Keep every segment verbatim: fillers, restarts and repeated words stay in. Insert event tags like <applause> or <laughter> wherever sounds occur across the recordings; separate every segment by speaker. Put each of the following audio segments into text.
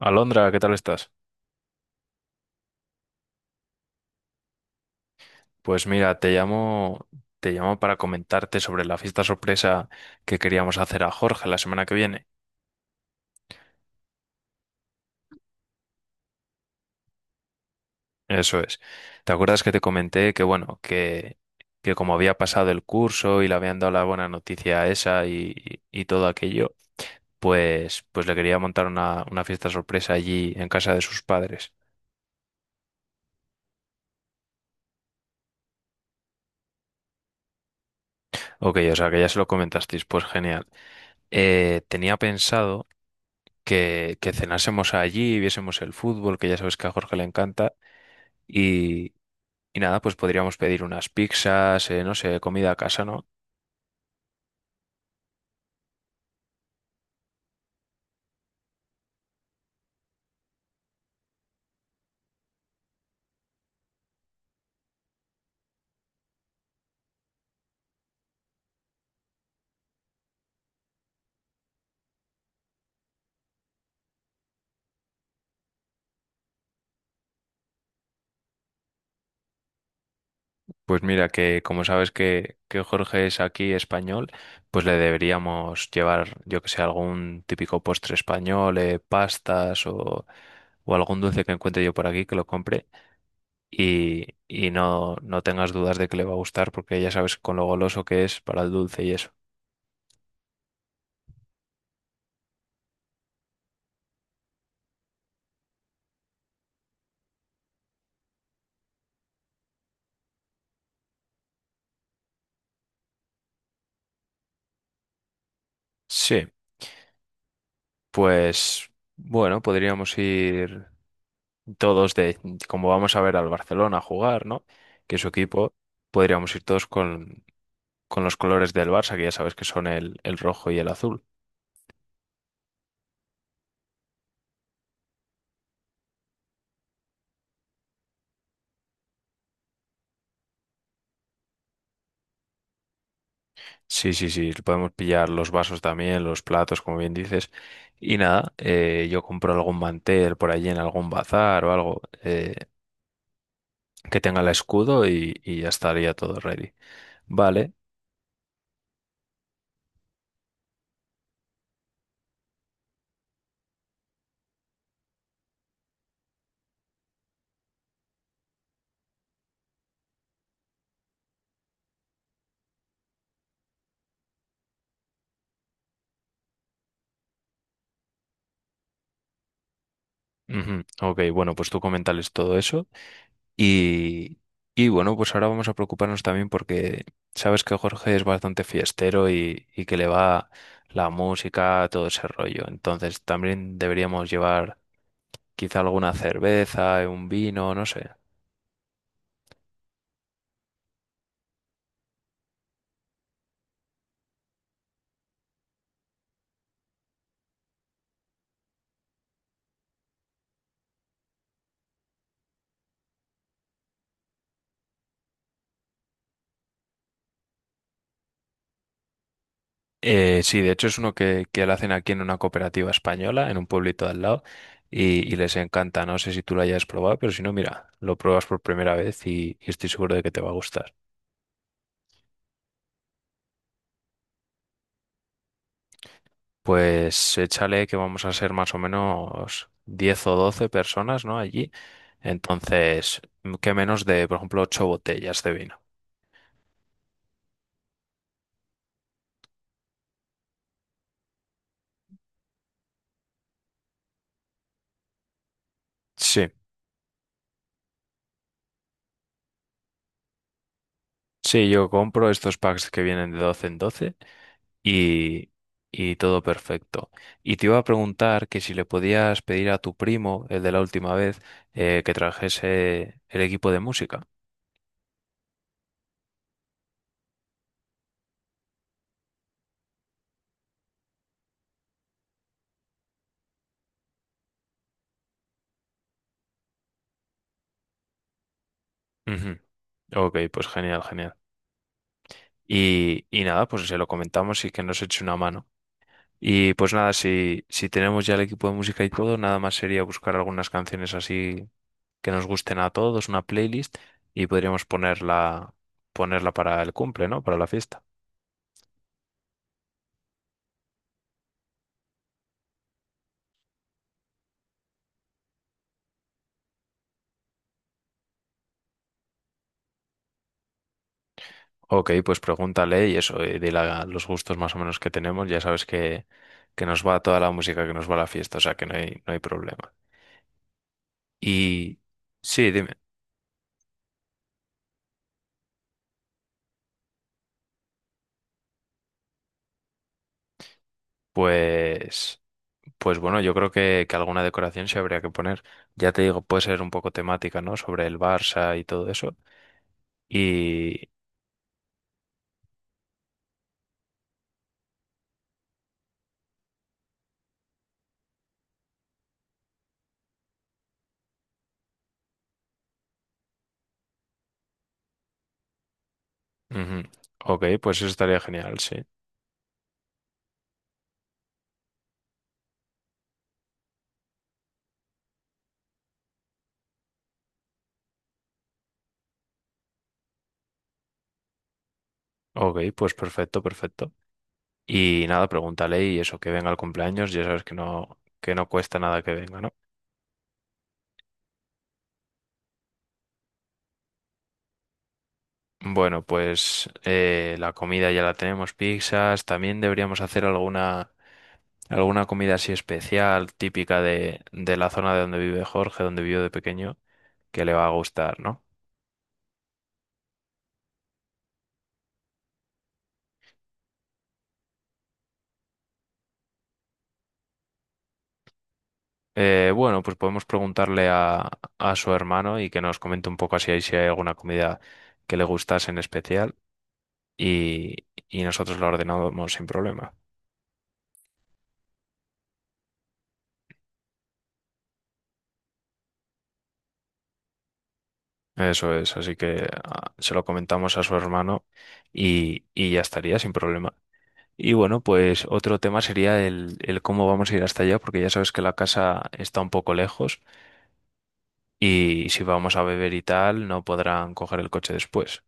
Speaker 1: Alondra, ¿qué tal estás? Pues mira, te llamo, te llamo para comentarte sobre la fiesta sorpresa que queríamos hacer a Jorge la semana que viene. Eso es. ¿Te acuerdas que te comenté que bueno, que, que, como había pasado el curso y le habían dado la buena noticia a esa y, y todo aquello, pues, pues le quería montar una, una fiesta sorpresa allí en casa de sus padres? Ok, o sea que ya se lo comentasteis, pues genial. Eh, tenía pensado que, que cenásemos allí, viésemos el fútbol, que ya sabes que a Jorge le encanta. Y, y nada, pues podríamos pedir unas pizzas, eh, no sé, comida a casa, ¿no? Pues mira, que como sabes que, que Jorge es aquí español, pues le deberíamos llevar, yo que sé, algún típico postre español, eh, pastas o, o algún dulce que encuentre yo por aquí que lo compre y, y no, no tengas dudas de que le va a gustar porque ya sabes con lo goloso que es para el dulce y eso. Sí, pues bueno, podríamos ir todos de, como vamos a ver al Barcelona jugar, ¿no? Que es su equipo, podríamos ir todos con, con los colores del Barça, que ya sabes que son el, el rojo y el azul. Sí, sí, sí, podemos pillar los vasos también, los platos, como bien dices. Y nada, eh, yo compro algún mantel por allí en algún bazar o algo, eh, que tenga el escudo y, y ya estaría todo ready. Vale. Ujú. Ok, bueno, pues tú comentales todo eso. Y, y bueno, pues ahora vamos a preocuparnos también porque sabes que Jorge es bastante fiestero y, y que le va la música, todo ese rollo. Entonces también deberíamos llevar quizá alguna cerveza, un vino, no sé. Eh, sí, de hecho es uno que, que lo hacen aquí en una cooperativa española, en un pueblito de al lado, y, y les encanta. No sé si tú lo hayas probado, pero si no, mira, lo pruebas por primera vez y, y estoy seguro de que te va a gustar. Pues échale que vamos a ser más o menos diez o doce personas, ¿no? Allí. Entonces, ¿qué menos de, por ejemplo, ocho botellas de vino? Sí, sí, yo compro estos packs que vienen de doce en doce. Y, y todo perfecto. Y te iba a preguntar que si le podías pedir a tu primo, el de la última vez, eh, que trajese el equipo de música. Ujú. Ok, pues genial, genial. Y, y nada, pues se lo comentamos y que nos eche una mano. Y pues nada, si, si tenemos ya el equipo de música y todo, nada más sería buscar algunas canciones así que nos gusten a todos, una playlist, y podríamos ponerla, ponerla para el cumple, ¿no? Para la fiesta. Ok, pues pregúntale y eso, y dile a- los gustos más o menos que tenemos. Ya sabes que, que nos va toda la música que nos va a la fiesta, o sea que no hay, no hay problema. Y sí, dime. Pues, pues bueno, yo creo que, que alguna decoración se habría que poner. Ya te digo, puede ser un poco temática, ¿no? Sobre el Barça y todo eso. Y... ujú. Ok, pues eso estaría genial, sí. Ok, pues perfecto, perfecto. Y nada, pregúntale y eso, que venga al cumpleaños, ya sabes que no, que no cuesta nada que venga, ¿no? Bueno, pues eh, la comida ya la tenemos, pizzas, también deberíamos hacer alguna, alguna comida así especial, típica de, de la zona de donde vive Jorge, donde vivió de pequeño, que le va a gustar, ¿no? Eh, bueno, pues podemos preguntarle a, a su hermano y que nos comente un poco así ahí si hay alguna comida que le gustase en especial y, y nosotros la ordenamos sin problema. Eso es, así que ah, se lo comentamos a su hermano y, y ya estaría sin problema. Y bueno, pues otro tema sería el, el cómo vamos a ir hasta allá, porque ya sabes que la casa está un poco lejos y si vamos a beber y tal, no podrán coger el coche después.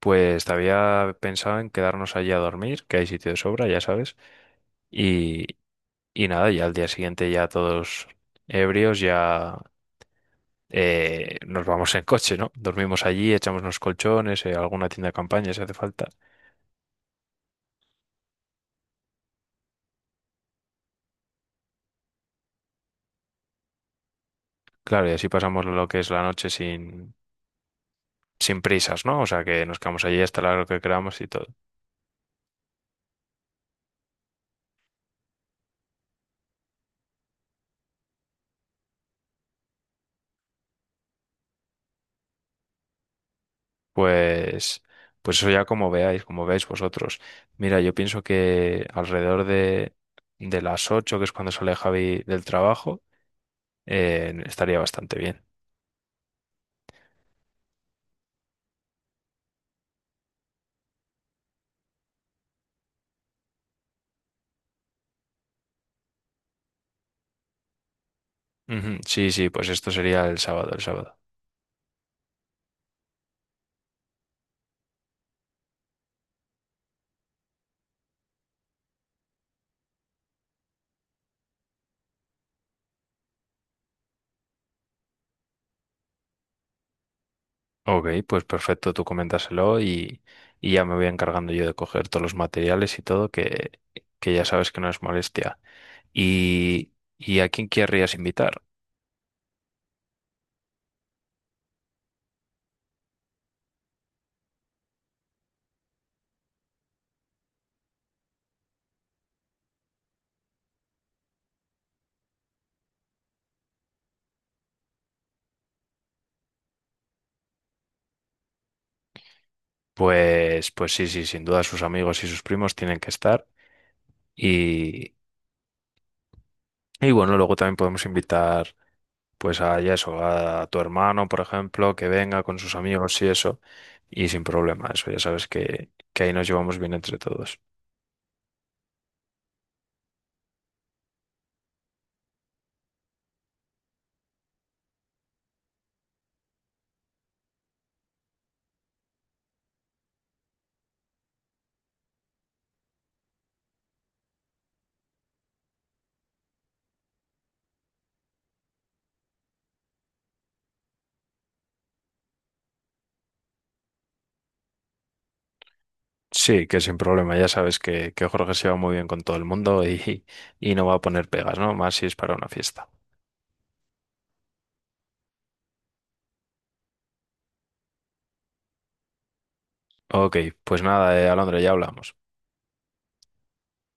Speaker 1: Pues te había pensado en quedarnos allí a dormir, que hay sitio de sobra, ya sabes. Y, y nada, ya al día siguiente ya todos ebrios, ya eh, nos vamos en coche, ¿no? Dormimos allí, echamos unos colchones, eh, alguna tienda de campaña si hace falta. Claro, y así pasamos lo que es la noche sin, sin prisas, ¿no? O sea, que nos quedamos allí hasta la hora que queramos y todo. Pues, pues eso ya como veáis, como veáis vosotros. Mira, yo pienso que alrededor de, de las ocho que es cuando sale Javi del trabajo, Eh, estaría bastante bien. Ujú. Sí, sí, pues esto sería el sábado, el sábado. Ok, pues perfecto, tú coméntaselo y, y ya me voy encargando yo de coger todos los materiales y todo, que, que ya sabes que no es molestia. ¿Y, y a quién querrías invitar? Pues, pues sí, sí, sin duda sus amigos y sus primos tienen que estar. Y, y bueno, luego también podemos invitar pues a y eso, a tu hermano, por ejemplo, que venga con sus amigos y eso, y sin problema, eso ya sabes que, que ahí nos llevamos bien entre todos. Sí, que sin problema, ya sabes que, que Jorge se va muy bien con todo el mundo y, <laughs> y no va a poner pegas, ¿no? Más si es para una fiesta. Ok, pues nada, eh, Alondra, ya hablamos.